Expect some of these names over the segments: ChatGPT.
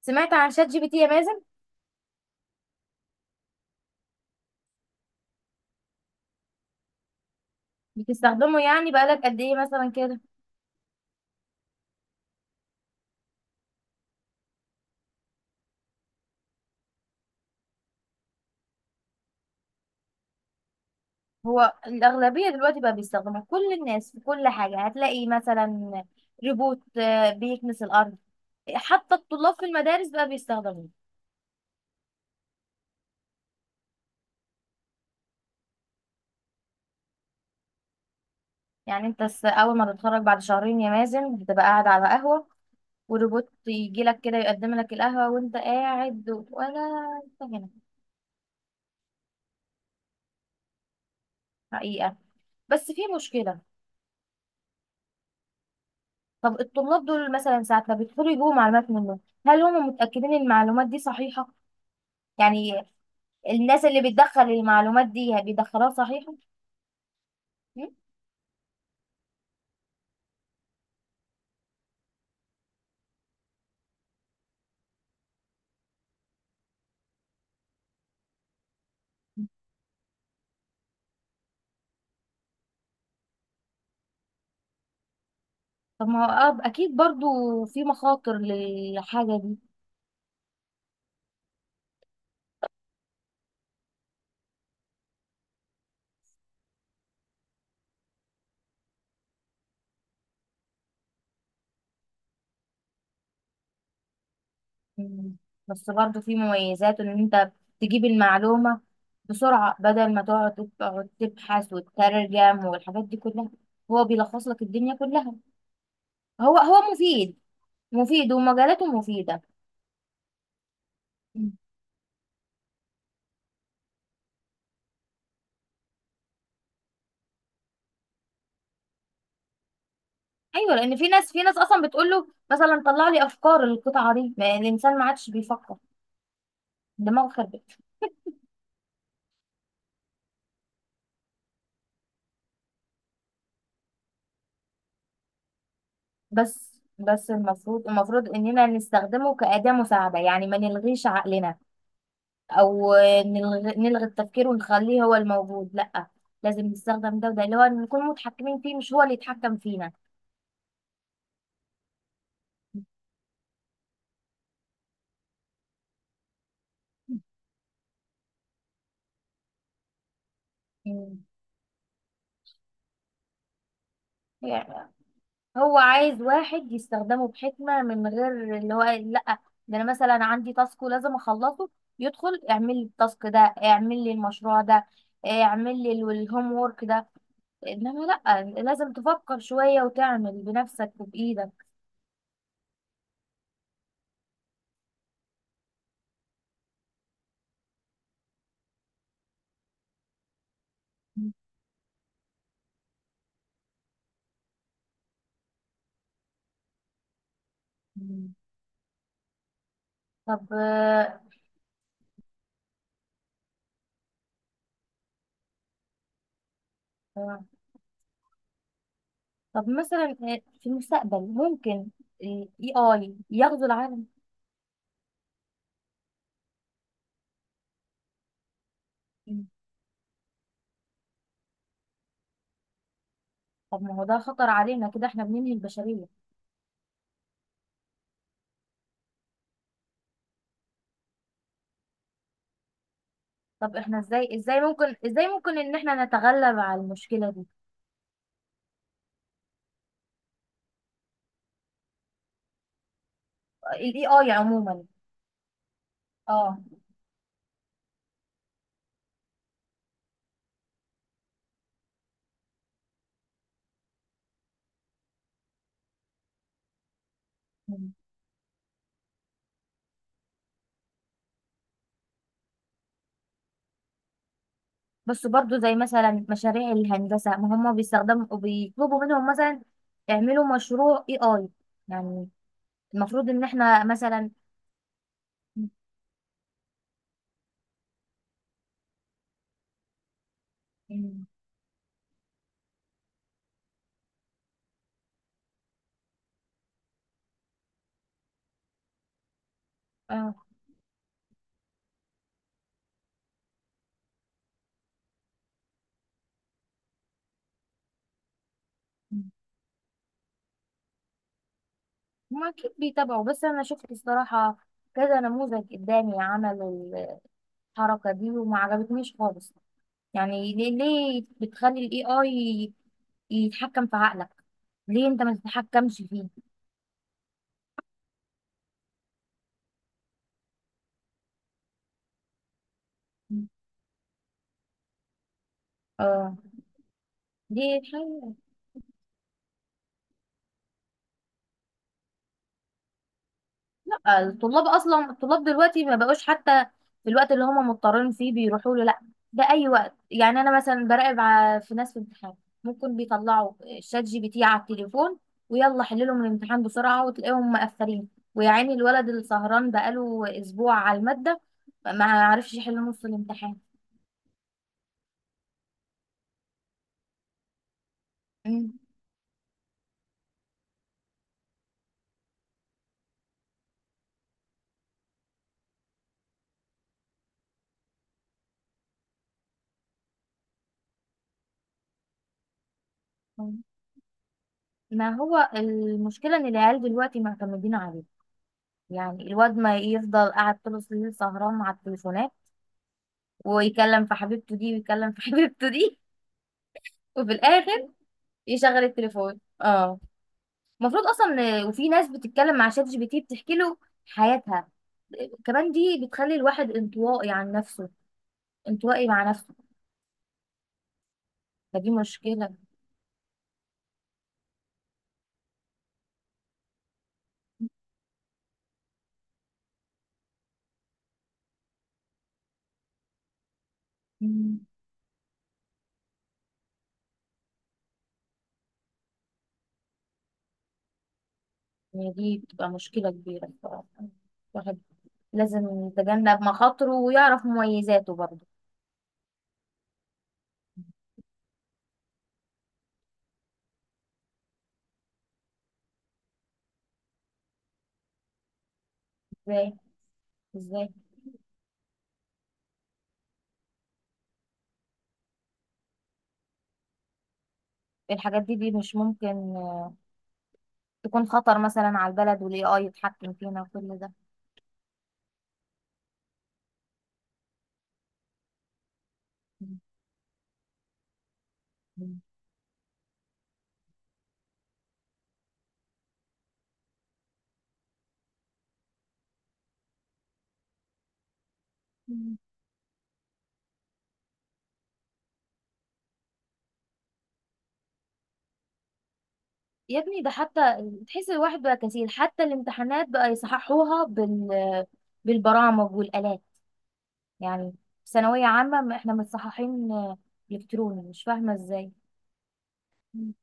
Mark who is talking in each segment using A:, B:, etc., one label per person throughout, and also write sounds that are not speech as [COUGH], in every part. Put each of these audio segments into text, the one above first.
A: سمعت عن شات جي بي تي يا مازن؟ بتستخدمه يعني، بقالك قد ايه مثلا كده؟ هو الأغلبية دلوقتي بقى بيستخدمه، كل الناس في كل حاجة. هتلاقي مثلا ريبوت بيكنس الأرض. حتى الطلاب في المدارس بقى بيستخدموه. يعني أول ما تتخرج بعد شهرين يا مازن، بتبقى قاعد على قهوة وريبوت يجي لك كده يقدم لك القهوة وانت قاعد ولا انت هنا. حقيقة. بس في مشكلة. طب الطلاب دول مثلا ساعة ما بيدخلوا يجيبوا معلومات منه، هل هم متأكدين إن المعلومات دي صحيحة؟ يعني الناس اللي بتدخل المعلومات دي بيدخلوها صحيحة؟ م? طب ما هو أكيد برضو في مخاطر للحاجة دي. م. بس برضو في مميزات، إن أنت تجيب المعلومة بسرعة بدل ما تقعد تبحث وتترجم والحاجات دي كلها. هو بيلخص لك الدنيا كلها. هو مفيد، مفيد ومجالاته مفيدة. م. أيوة، لأن في ناس أصلا بتقول له مثلا طلع لي أفكار القطعة دي. ما الإنسان ما عادش بيفكر، دماغه خربت. بس المفروض اننا نستخدمه كأداة مساعدة، يعني ما نلغيش عقلنا او نلغي التفكير ونخليه هو الموجود، لا. لازم نستخدم ده، وده اللي هو نكون متحكمين فيه مش هو اللي يتحكم فينا. [LAUGHS] مم. يعني هو عايز واحد يستخدمه بحكمة، من غير اللي هو لا، ده انا مثلا عندي تاسك ولازم اخلصه، يدخل اعمل لي التاسك ده، اعمل لي المشروع ده، اعمل لي الهوم وورك ده. انما لا، لازم تفكر شوية وتعمل بنفسك وبإيدك. مم. طب آه، طب مثلا في المستقبل ممكن الاي اي يغزو العالم؟ مم. طب ما هو ده خطر علينا كده، احنا بننهي البشرية. طب احنا ازاي، ازاي ممكن ان احنا نتغلب على المشكلة دي؟ الاي اي عموما. اه. مم. بس برضو زي مثلا مشاريع الهندسة، ما هم بيستخدموا، بيطلبوا منهم مثلا اعملوا مشروع اي اي. يعني المفروض ان احنا مثلا. اه. ما اكيد بيتابعوا، بس انا شفت الصراحه كذا نموذج قدامي عمل الحركه دي وما عجبتنيش خالص. يعني ليه بتخلي الاي اي يتحكم في عقلك؟ ليه انت ما تتحكمش فيه؟ اه. دي حاجه. الطلاب اصلا، الطلاب دلوقتي ما بقوش حتى في الوقت اللي هم مضطرين فيه بيروحوا له، لا، ده اي وقت. يعني انا مثلا براقب في ناس في امتحان، ممكن بيطلعوا شات جي بي تي على التليفون ويلا حللهم الامتحان بسرعه، وتلاقيهم مقفلين. ويا عيني الولد اللي سهران بقاله اسبوع على الماده ما عرفش يحل نص الامتحان. مم. ما هو المشكله ان العيال دلوقتي معتمدين عليه. يعني الواد ما يفضل قاعد طول الليل سهران على التليفونات، ويكلم في حبيبته دي [LAUGHS] وفي الاخر يشغل التليفون. اه. المفروض اصلا وفي ناس بتتكلم مع شات جي بي تي بتحكي له حياتها كمان. دي بتخلي الواحد انطوائي عن نفسه، انطوائي مع نفسه. فدي مشكلة. مم. يعني دي بتبقى مشكلة كبيرة بصراحة. الواحد لازم يتجنب مخاطره ويعرف مميزاته برضه. ازاي؟ ازاي؟ الحاجات دي دي مش ممكن آه، تكون خطر مثلا على البلد والاي اي يتحكم فينا وكل ده؟ مم. يا ابني ده حتى تحس الواحد بقى كسيل، حتى الامتحانات بقى يصححوها بالبرامج والآلات. يعني في ثانوية عامة ما احنا متصححين إلكتروني، مش فاهمة ازاي. مم.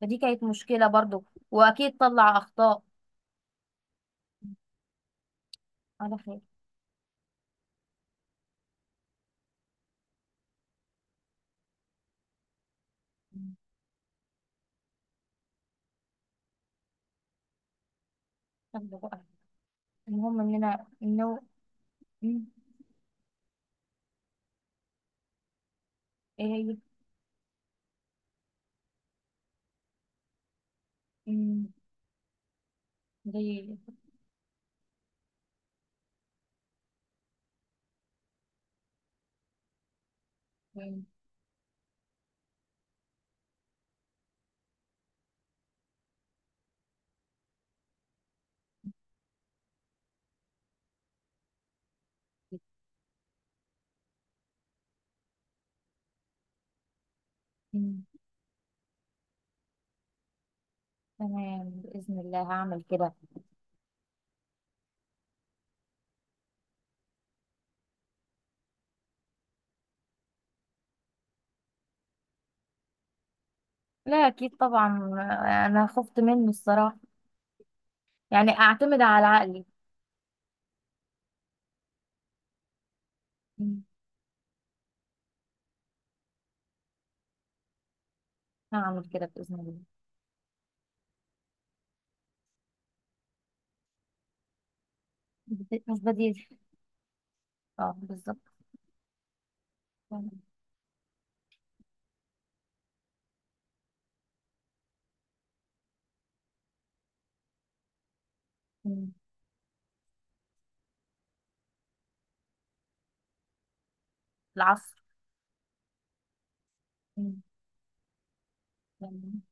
A: فدي كانت مشكلة برضو. وأكيد طلع أخطاء. على خير. مم. يلا بقى، المهم إننا إنه. مم. إيه هي؟ مم. دي. مم. مم. تمام، بإذن الله هعمل كده. لا، أكيد طبعا. أنا خفت منه الصراحة. يعني اعتمد على عقلي. مم. هعمل كده باذن الله. مش بديل. اه، بالظبط. مم. العصر. مم. يعني